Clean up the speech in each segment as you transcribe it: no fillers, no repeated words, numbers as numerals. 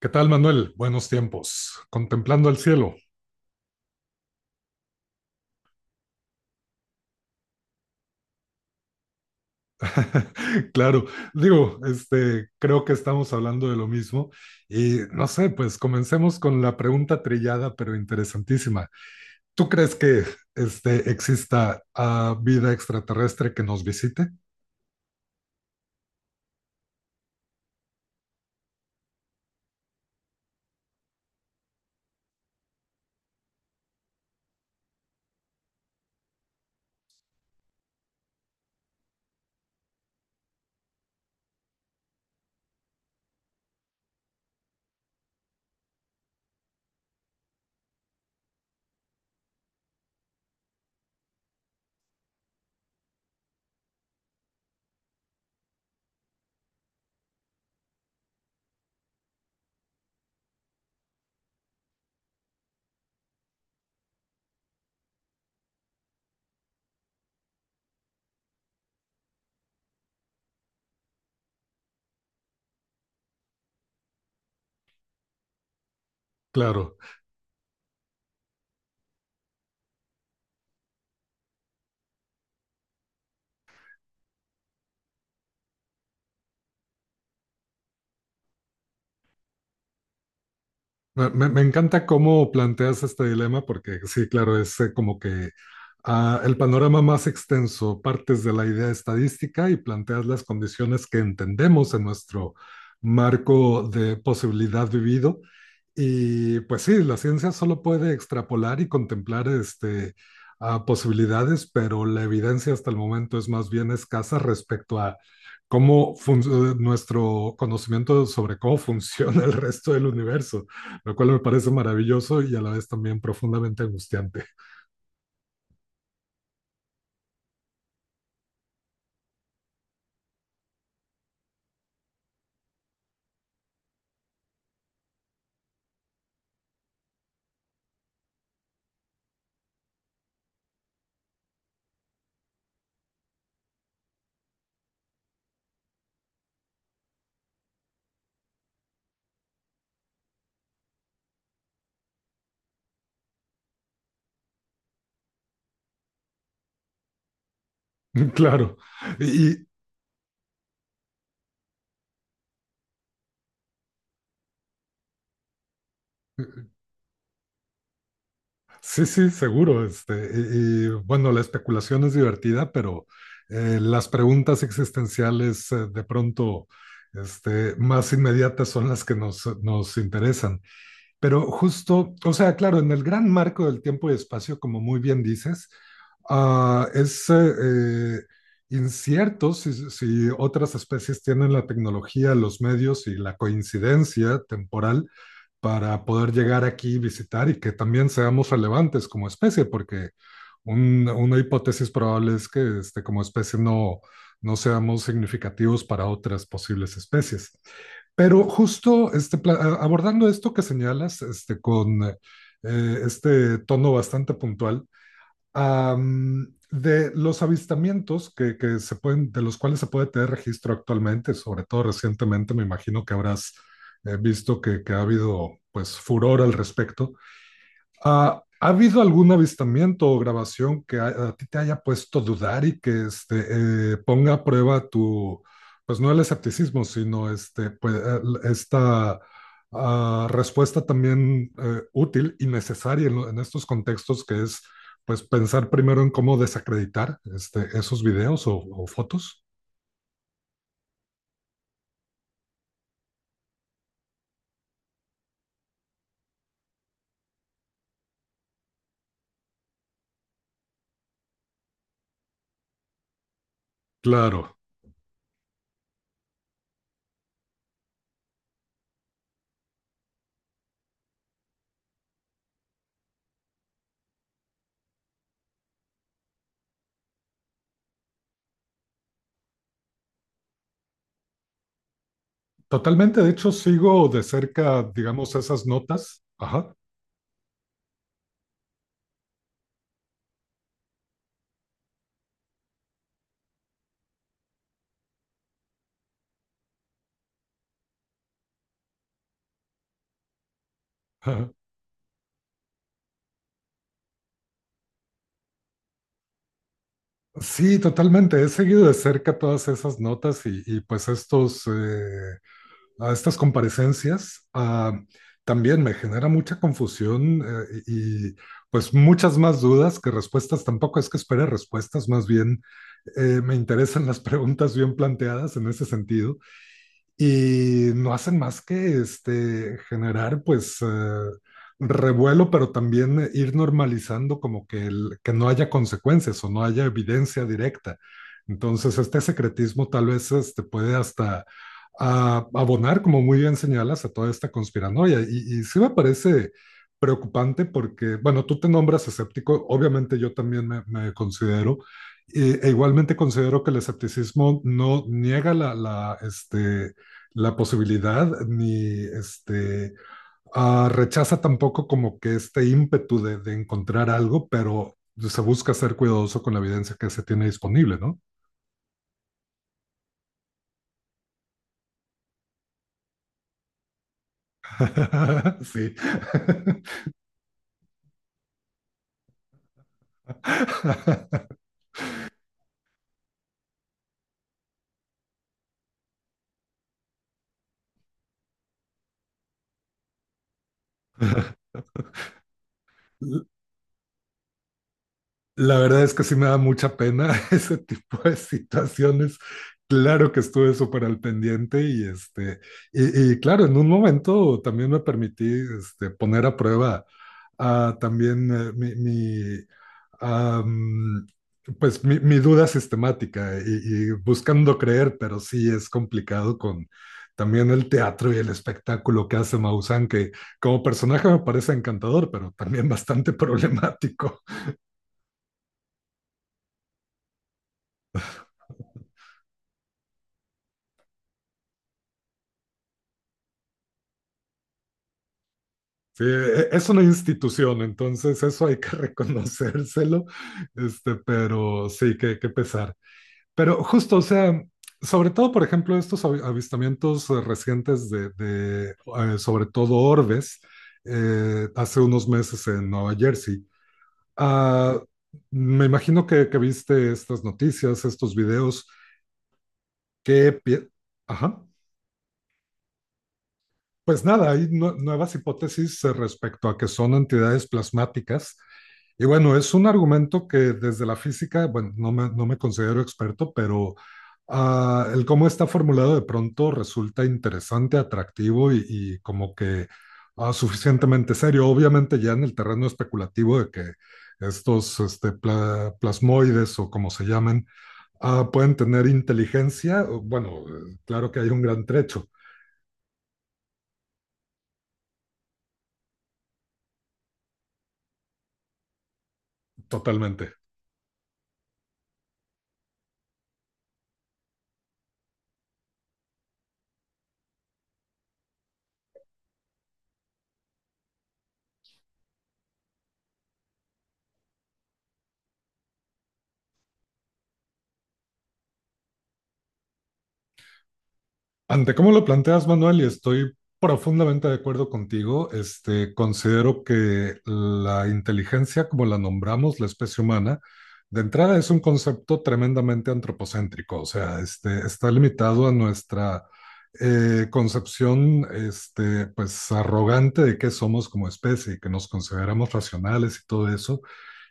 ¿Qué tal, Manuel? Buenos tiempos, contemplando el cielo. Claro, digo, creo que estamos hablando de lo mismo y no sé, pues comencemos con la pregunta trillada pero interesantísima. ¿Tú crees que exista vida extraterrestre que nos visite? Claro, me encanta cómo planteas este dilema porque sí, claro, es como que a el panorama más extenso, partes de la idea estadística y planteas las condiciones que entendemos en nuestro marco de posibilidad vivido y pues sí, la ciencia solo puede extrapolar y contemplar a posibilidades, pero la evidencia hasta el momento es más bien escasa respecto a cómo fun- nuestro conocimiento sobre cómo funciona el resto del universo, lo cual me parece maravilloso y a la vez también profundamente angustiante. Claro, y, Sí, sí, seguro. Bueno, la especulación es divertida, pero las preguntas existenciales de pronto más inmediatas son las que nos interesan. Pero justo, o sea, claro, en el gran marco del tiempo y espacio, como muy bien dices, ah, es eh, incierto si otras especies tienen la tecnología, los medios y la coincidencia temporal para poder llegar aquí, visitar y que también seamos relevantes como especie, porque una hipótesis probable es que como especie, no seamos significativos para otras posibles especies. Pero justo abordando esto que señalas, con este tono bastante puntual. De los avistamientos que se pueden, de los cuales se puede tener registro actualmente, sobre todo recientemente, me imagino que habrás visto que ha habido pues furor al respecto. ¿Ha habido algún avistamiento o grabación que a ti te haya puesto a dudar y que ponga a prueba tu, pues no el escepticismo, sino pues, esta respuesta también útil y necesaria en, en estos contextos, que es pues pensar primero en cómo desacreditar esos videos o fotos? Claro, totalmente. De hecho, sigo de cerca, digamos, esas notas. Ajá. Sí, totalmente. He seguido de cerca todas esas notas y pues a estas comparecencias. También me genera mucha confusión pues muchas más dudas que respuestas. Tampoco es que espere respuestas, más bien me interesan las preguntas bien planteadas en ese sentido y no hacen más que generar pues revuelo, pero también ir normalizando como que, que no haya consecuencias o no haya evidencia directa. Entonces, este secretismo tal vez puede hasta abonar, como muy bien señalas, a toda esta conspiranoia. Y sí me parece preocupante porque, bueno, tú te nombras escéptico, obviamente yo también me considero. Igualmente considero que el escepticismo no niega la posibilidad, ni rechaza tampoco como que este ímpetu de encontrar algo, pero se busca ser cuidadoso con la evidencia que se tiene disponible, ¿no? Sí. La verdad es que sí me da mucha pena ese tipo de situaciones. Claro que estuve súper al pendiente y y claro, en un momento también me permití poner a prueba ah, también mi, mi, am, pues mi duda sistemática y buscando creer, pero sí es complicado con también el teatro y el espectáculo que hace Maussan, que como personaje me parece encantador, pero también bastante problemático. Sí, es una institución, entonces eso hay que reconocérselo, pero sí, qué, qué pesar. Pero justo, o sea, sobre todo, por ejemplo, estos avistamientos recientes sobre todo orbes, hace unos meses en Nueva Jersey. Ah, Me imagino que viste estas noticias, estos videos, que... Ajá. Pues nada, hay nuevas hipótesis respecto a que son entidades plasmáticas. Y bueno, es un argumento que desde la física, bueno, no me considero experto, pero el cómo está formulado de pronto resulta interesante, atractivo y como que suficientemente serio. Obviamente ya en el terreno especulativo de que plasmoides o como se llamen, pueden tener inteligencia, bueno, claro que hay un gran trecho, totalmente. Ante cómo lo planteas, Manuel, y estoy profundamente de acuerdo contigo, considero que la inteligencia, como la nombramos la especie humana, de entrada es un concepto tremendamente antropocéntrico, o sea, está limitado a nuestra concepción, pues, arrogante de qué somos como especie y que nos consideramos racionales y todo eso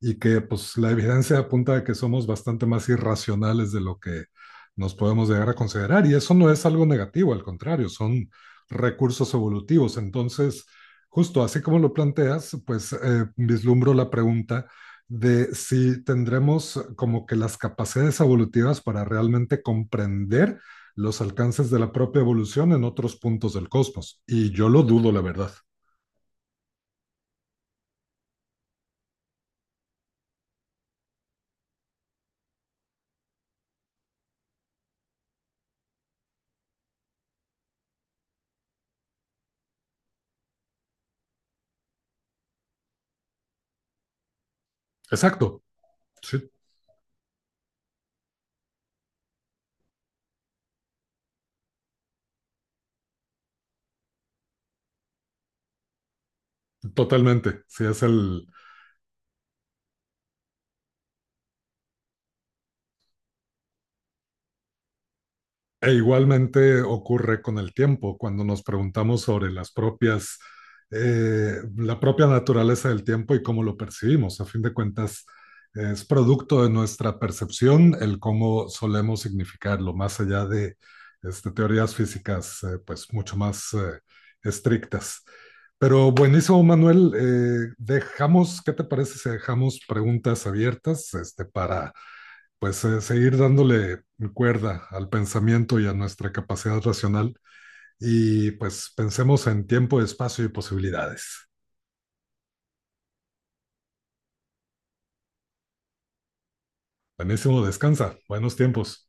y que pues la evidencia apunta a que somos bastante más irracionales de lo que nos podemos llegar a considerar y eso no es algo negativo, al contrario, son recursos evolutivos. Entonces, justo así como lo planteas, pues vislumbro la pregunta de si tendremos como que las capacidades evolutivas para realmente comprender los alcances de la propia evolución en otros puntos del cosmos. Y yo lo dudo, la verdad. Exacto, sí, totalmente. E igualmente ocurre con el tiempo, cuando nos preguntamos sobre la propia naturaleza del tiempo y cómo lo percibimos. A fin de cuentas, es producto de nuestra percepción el cómo solemos significarlo, más allá de teorías físicas pues mucho más estrictas. Pero buenísimo, Manuel. Dejamos, ¿qué te parece si dejamos preguntas abiertas para pues seguir dándole cuerda al pensamiento y a nuestra capacidad racional y pues pensemos en tiempo, espacio y posibilidades. Buenísimo, descansa, buenos tiempos.